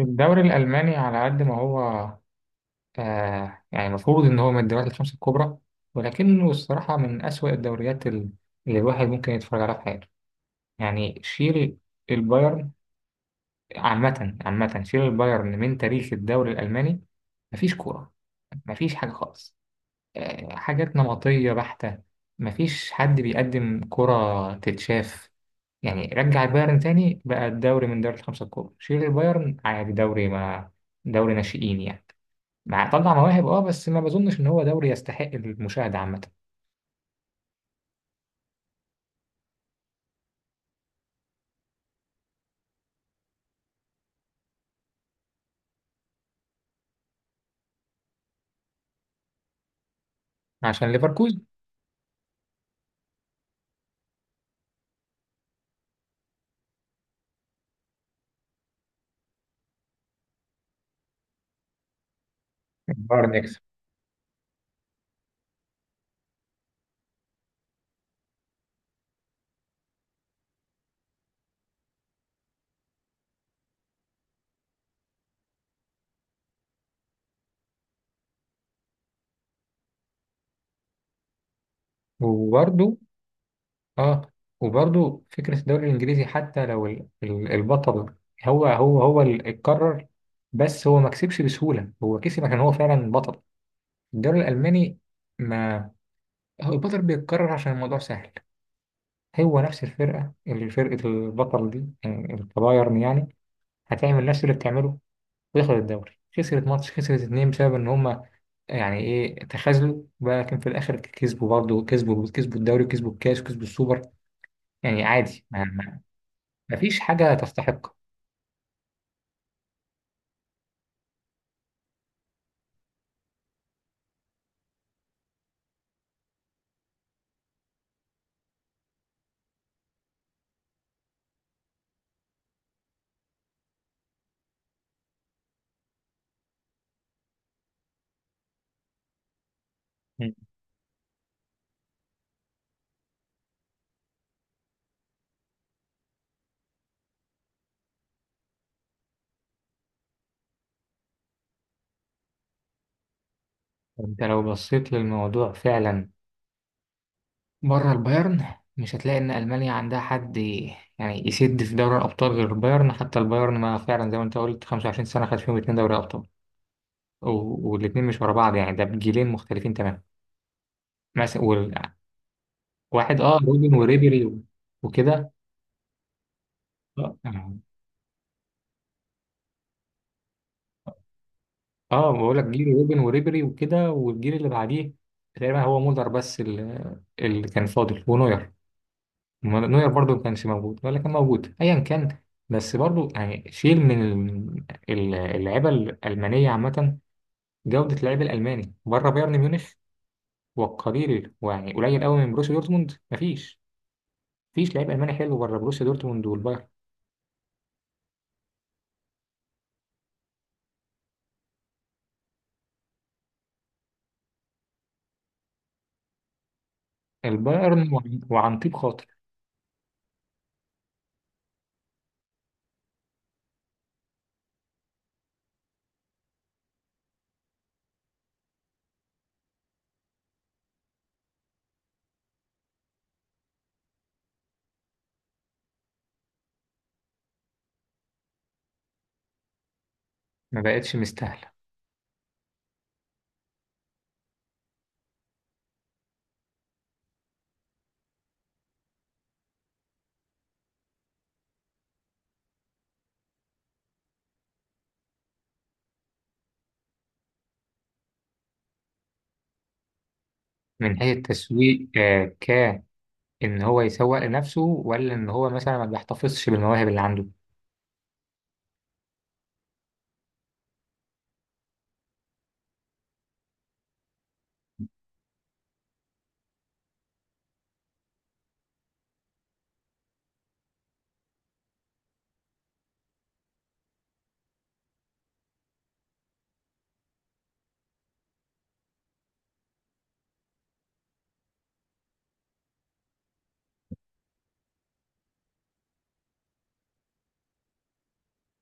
الدوري الألماني على قد ما هو. يعني المفروض إن هو من الدوريات الخمسة الكبرى، ولكنه الصراحة من أسوأ الدوريات اللي الواحد ممكن يتفرج عليها في حياته. يعني شيل البايرن عامة عامة، شيل البايرن من تاريخ الدوري الألماني، مفيش كورة، مفيش حاجة خالص. حاجات نمطية بحتة، مفيش حد بيقدم كرة تتشاف. يعني رجع البايرن تاني، بقى الدوري من دوري الخمسة الكبرى شيل البايرن عادي دوري ما دوري ناشئين يعني، مع طلع مواهب، بس ما بظنش ان هو دوري يستحق المشاهده عامه. عشان ليفركوزن. البايرن يكسب. وبرده. اه. وبرده فكره الدوري الانجليزي حتى لو البطل هو اللي اتكرر، بس هو ما كسبش بسهوله، هو كسب عشان هو فعلا بطل. الدوري الالماني، ما هو البطل بيتكرر عشان الموضوع سهل. هو نفس الفرقه اللي فرقه البطل دي يعني البايرن يعني هتعمل نفس اللي بتعمله وياخد الدوري. خسرت ماتش، خسرت اتنين بسبب ان هم يعني ايه تخاذلوا بقى، لكن في الاخر كسبوا، برضه كسبوا الدوري وكسبوا الكاس وكسبوا السوبر. يعني عادي ما. ما فيش حاجة تستحق. مم. انت لو بصيت للموضوع فعلا بره البايرن، مش هتلاقي ان المانيا عندها حد يعني يسد في دوري الابطال غير البايرن. حتى البايرن ما فعلا زي ما انت قلت 25 سنه خد فيهم اتنين دوري ابطال، والاتنين مش ورا بعض يعني، ده بجيلين مختلفين تماما مثلا واحد رودن وريبيري وكده. آه. اه بقول لك جيل روبن وريبري وكده والجيل اللي بعديه تقريبا هو مولر بس اللي كان فاضل ونوير. نوير برضو ما كانش موجود ولا كان موجود ايا كان. بس برضو يعني شيل من اللعيبه الالمانيه عامه، جوده اللعيب الالماني بره بايرن ميونخ والقليل، ويعني قليل قوي من بروسيا دورتموند، مفيش، مفيش لعيب الماني حلو بره بروسيا دورتموند والبايرن. البايرن وعن طيب خاطر. ما بقتش مستاهله. من حيث التسويق، ان هو يسوق لنفسه ولا ان هو مثلا ما بيحتفظش بالمواهب اللي عنده.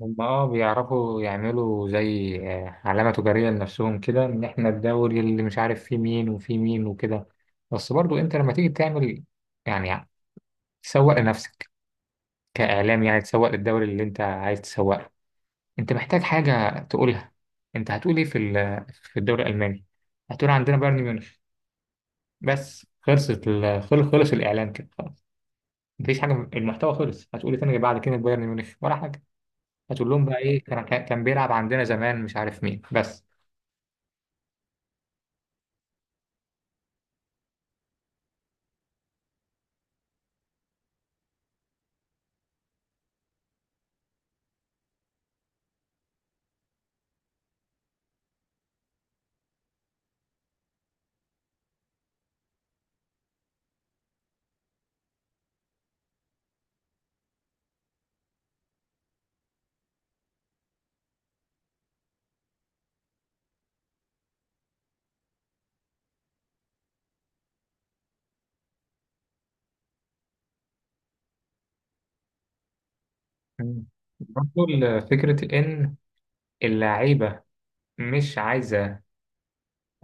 هم بيعرفوا يعملوا زي علامة تجارية لنفسهم كده، ان احنا الدوري اللي مش عارف فيه مين وفيه مين وكده. بس برضو انت لما تيجي تعمل يعني تسوق لنفسك كإعلام، يعني تسوق للدوري اللي انت عايز تسوق له، انت محتاج حاجة تقولها. انت هتقول ايه في الدوري الألماني؟ هتقول عندنا بايرن ميونخ. بس خلص الإعلان كده، مفيش حاجه، المحتوى خلص. هتقول إيه تاني غير بعد كلمه بايرن ميونخ ولا حاجه؟ هتقول لهم بقى ايه، كان بيلعب عندنا زمان مش عارف مين بس. مم. برضه فكره ان اللعيبه مش عايزه،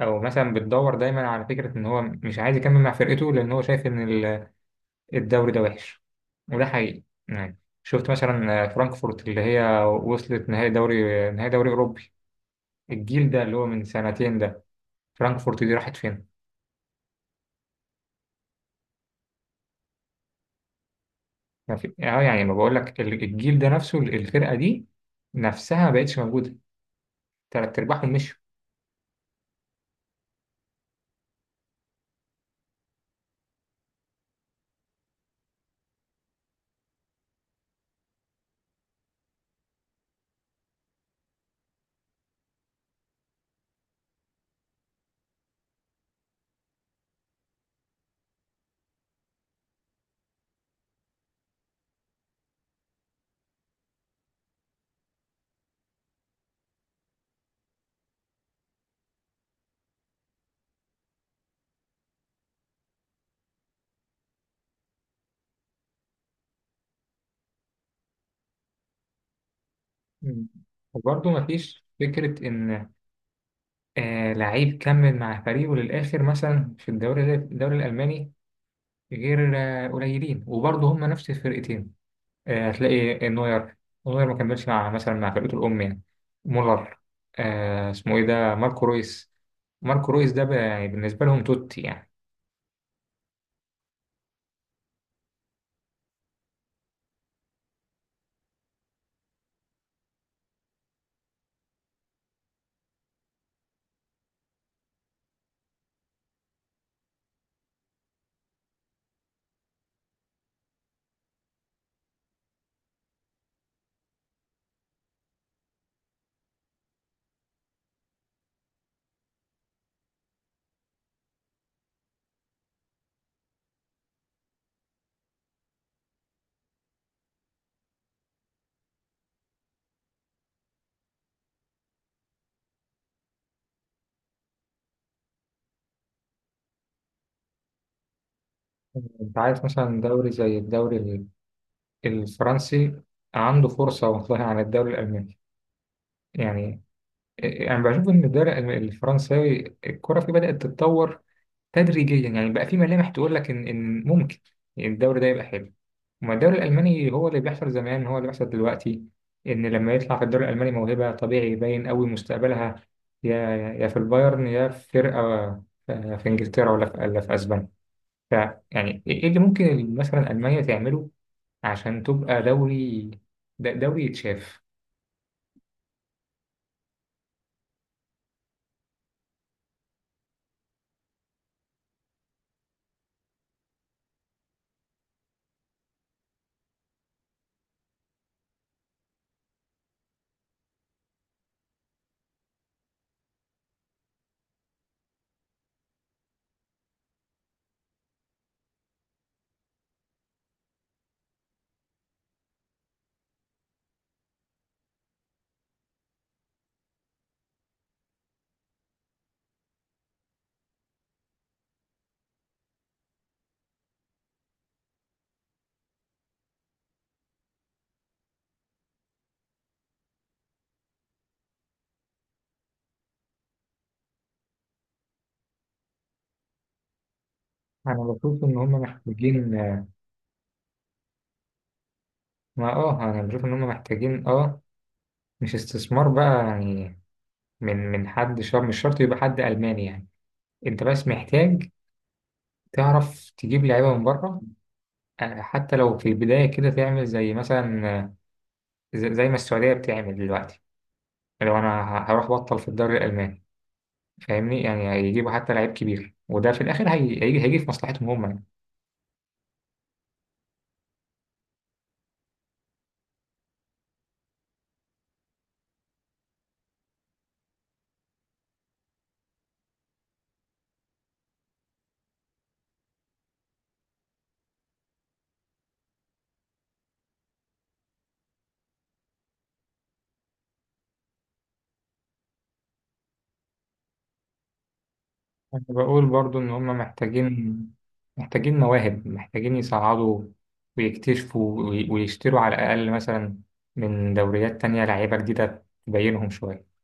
او مثلا بتدور دايما على فكره ان هو مش عايز يكمل مع فرقته لان هو شايف ان الدوري ده وحش. وده حقيقي، يعني شفت مثلا فرانكفورت اللي هي وصلت نهائي دوري اوروبي، الجيل ده اللي هو من سنتين ده، فرانكفورت دي راحت فين؟ ما في يعني ما بقول لك الجيل ده نفسه الفرقه دي نفسها ما بقتش موجوده، تلات ارباعهم مشوا. مم. وبرضه ما فيش فكره ان لعيب كمل مع فريقه للاخر مثلا في الدوري الالماني، غير قليلين، وبرضه هم نفس الفرقتين. هتلاقي نوير، نوير ما كملش مع مثلا مع فرقته الام يعني. مولر اسمه ايه ده، ماركو رويس. ماركو رويس ده بقى يعني بالنسبه لهم توتي يعني. انت عارف مثلا دوري زي الدوري الفرنسي عنده فرصة والله عن الدوري الألماني. يعني يعني بشوف إن الدوري الفرنساوي الكرة فيه بدأت تتطور تدريجيا، يعني بقى في ملامح تقول لك إن ممكن الدوري ده يبقى حلو. وما الدوري الألماني هو اللي بيحصل زمان هو اللي بيحصل دلوقتي، إن لما يطلع في الدوري الألماني موهبة طبيعي يبين قوي مستقبلها، يا في البايرن يا في فرقة في إنجلترا ولا في أسبانيا. ف- يعني إيه اللي ممكن مثلا ألمانيا تعمله عشان تبقى دوري دوري يتشاف؟ انا بشوف ان هم محتاجين. ما انا بشوف ان هم محتاجين، مش استثمار بقى يعني، من حد، شر مش شرط يبقى حد الماني يعني. انت بس محتاج تعرف تجيب لعيبه من بره، حتى لو في البدايه كده تعمل زي مثلا، زي ما السعوديه بتعمل دلوقتي. لو انا هروح بطل في الدوري الالماني، فاهمني يعني، هيجيبوا حتى لعيب كبير وده في الاخر هيجي في مصلحتهم هم. أنا بقول برضو إن هما محتاجين، محتاجين مواهب، محتاجين يصعدوا ويكتشفوا ويشتروا على الأقل مثلا من دوريات تانية لعيبة جديدة تبينهم شوية.